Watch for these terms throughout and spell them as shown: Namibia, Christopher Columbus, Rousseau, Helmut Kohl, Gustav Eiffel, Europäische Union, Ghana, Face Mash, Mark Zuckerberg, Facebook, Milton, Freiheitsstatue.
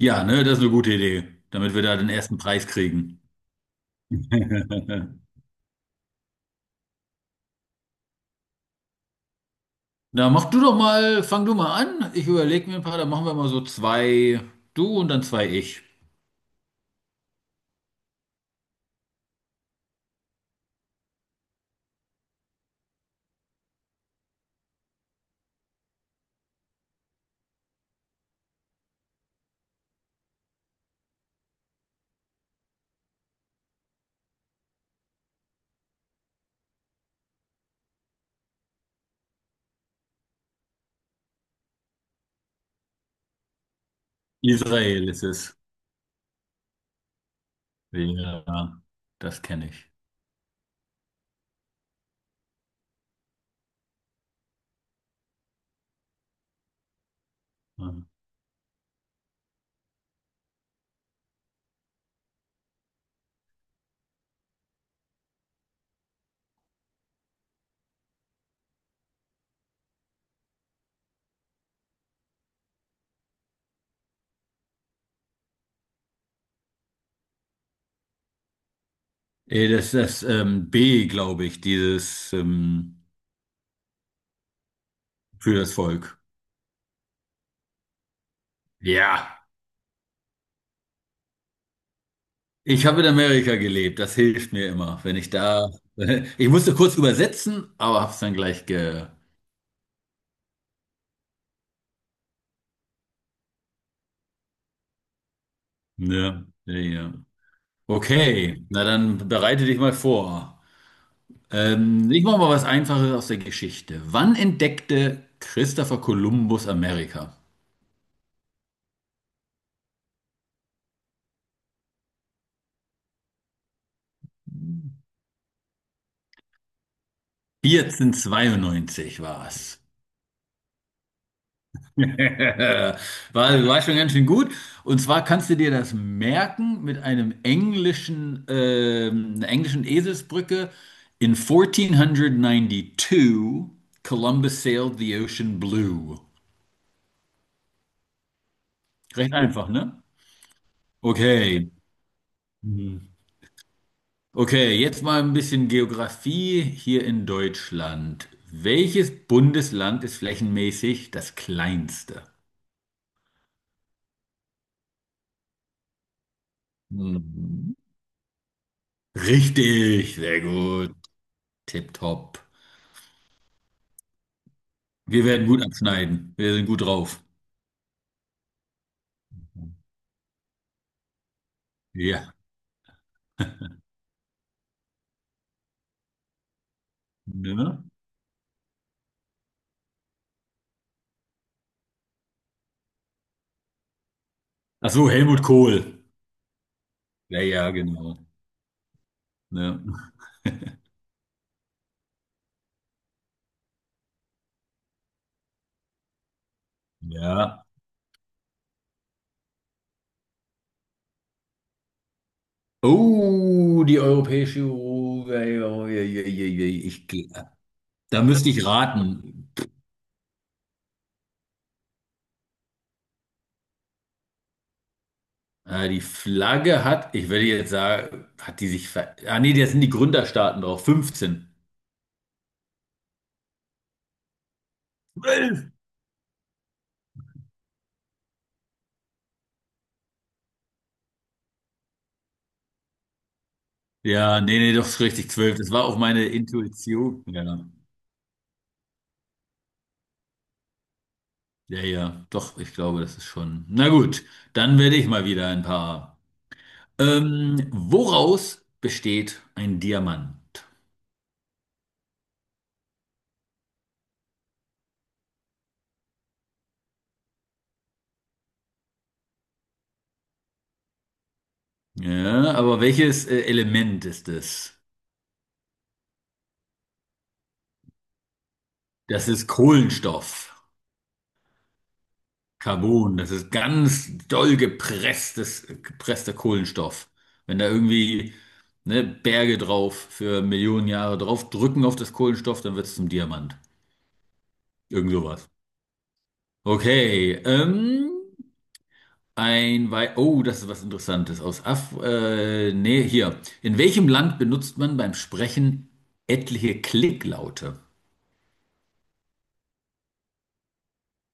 Ja, ne, das ist eine gute Idee, damit wir da den ersten Preis kriegen. Na, mach du doch mal, fang du mal an. Ich überlege mir ein paar, dann machen wir mal so zwei du und dann zwei ich. Israel ist es. Ja, das kenne ich. Ja. Das ist das B, glaube ich, dieses für das Volk. Ja, ich habe in Amerika gelebt, das hilft mir immer, wenn ich da. Ich musste kurz übersetzen, aber habe es dann gleich ge. Ja, ja. Okay, na dann bereite dich mal vor. Ich mache mal was Einfaches aus der Geschichte. Wann entdeckte Christopher Columbus Amerika? 1492 war es. War, war schon ganz schön gut. Und zwar kannst du dir das merken mit einem englischen, einer englischen Eselsbrücke. In 1492, Columbus sailed the ocean blue. Recht einfach, ne? Okay. Okay, jetzt mal ein bisschen Geografie hier in Deutschland. Welches Bundesland ist flächenmäßig das kleinste? Mhm. Richtig, sehr gut. Tipptopp. Wir werden gut abschneiden. Wir sind gut drauf. Ja. Ne? Ach so, Helmut Kohl. Ja, ja, genau. Ne? Ja. Oh, die Europäische Union. Da müsste ich raten. Die Flagge hat, ich würde jetzt sagen, hat die sich ver... Ah nee, da sind die Gründerstaaten drauf, 15. 12. Ja, nee, nee, doch ist richtig, 12. Das war auch meine Intuition. Ja, ja, ja, doch, ich glaube, das ist schon. Na gut, dann werde ich mal wieder ein paar. Woraus besteht ein Diamant? Ja, aber welches Element ist es? Das ist Kohlenstoff. Carbon, das ist ganz doll gepresstes, gepresster Kohlenstoff. Wenn da irgendwie ne, Berge drauf für Millionen Jahre drauf drücken auf das Kohlenstoff, dann wird es zum Diamant. Irgend sowas. Okay, ein Wei Oh, das ist was Interessantes aus Af nee, hier. In welchem Land benutzt man beim Sprechen etliche Klicklaute?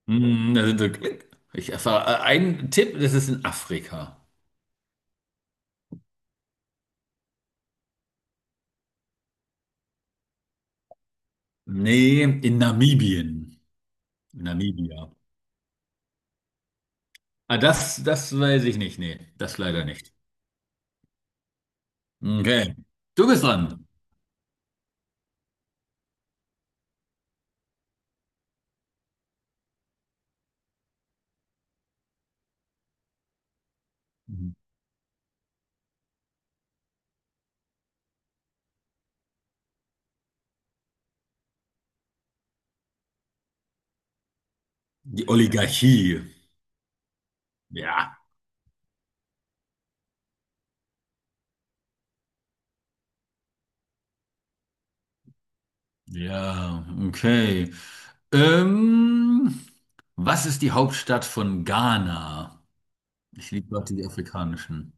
Hm, da sind so Klick. Ich erfahre einen Tipp, das ist in Afrika. Nee, in Namibien. Namibia. Ah, das, das weiß ich nicht. Nee, das leider nicht. Okay. Du bist dran. Die Oligarchie. Ja. Ja, okay. Ähm, was ist die Hauptstadt von Ghana? Ich liebe gerade die afrikanischen.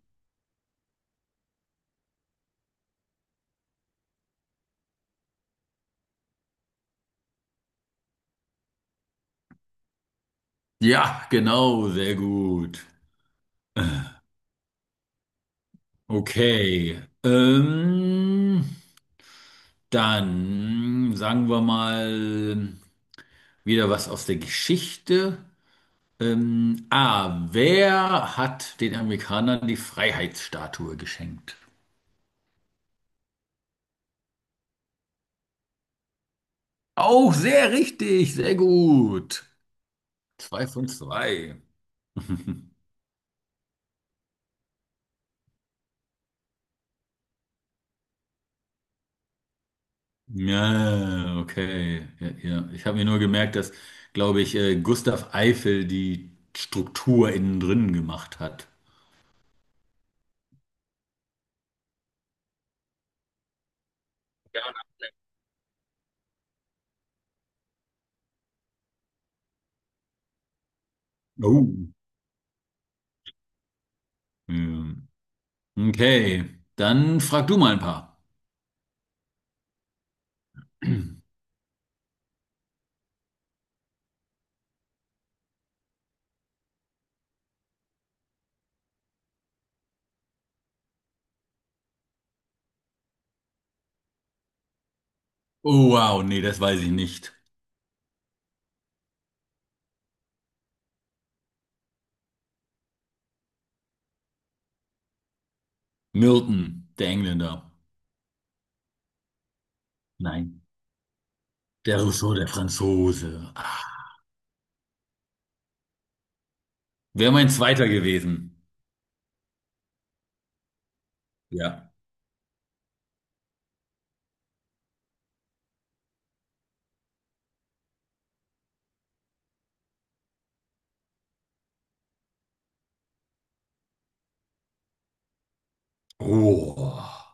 Ja, genau, sehr gut. Okay. Dann sagen wir mal wieder was aus der Geschichte. A. Wer hat den Amerikanern die Freiheitsstatue geschenkt? Auch sehr richtig, sehr gut. Zwei von zwei. Ja, okay. Ja, ja. Ich habe mir nur gemerkt, dass, glaube ich, Gustav Eiffel die Struktur innen drin gemacht hat. Ja. Oh. Ja. Okay, dann frag du mal ein paar. Oh, wow, nee, das weiß ich nicht. Milton, der Engländer. Nein. Der Rousseau, der Franzose. Wäre mein zweiter gewesen. Ja. Oh.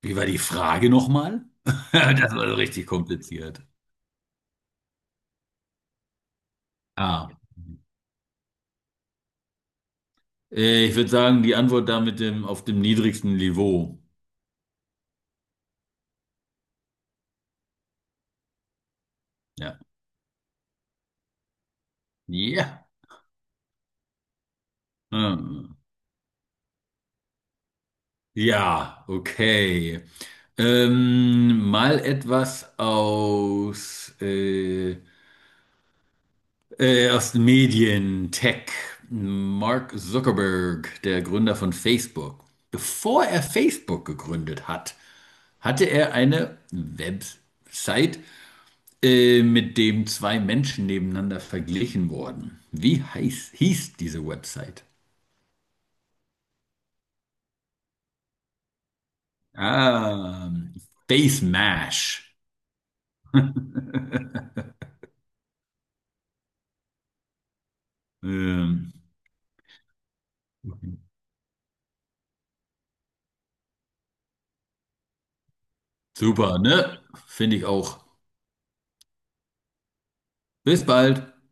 Wie war die Frage nochmal? Das war so richtig kompliziert. Ah. Ich würde sagen, die Antwort da mit dem auf dem niedrigsten Niveau. Ja. Ja. Hm. Ja, okay. Mal etwas aus aus den Medien, Tech, Mark Zuckerberg, der Gründer von Facebook. Bevor er Facebook gegründet hat, hatte er eine Website, mit dem zwei Menschen nebeneinander verglichen wurden. Wie hieß diese Website? Ah, Face Mash. Ähm, super, ne? Finde ich auch. Bis bald.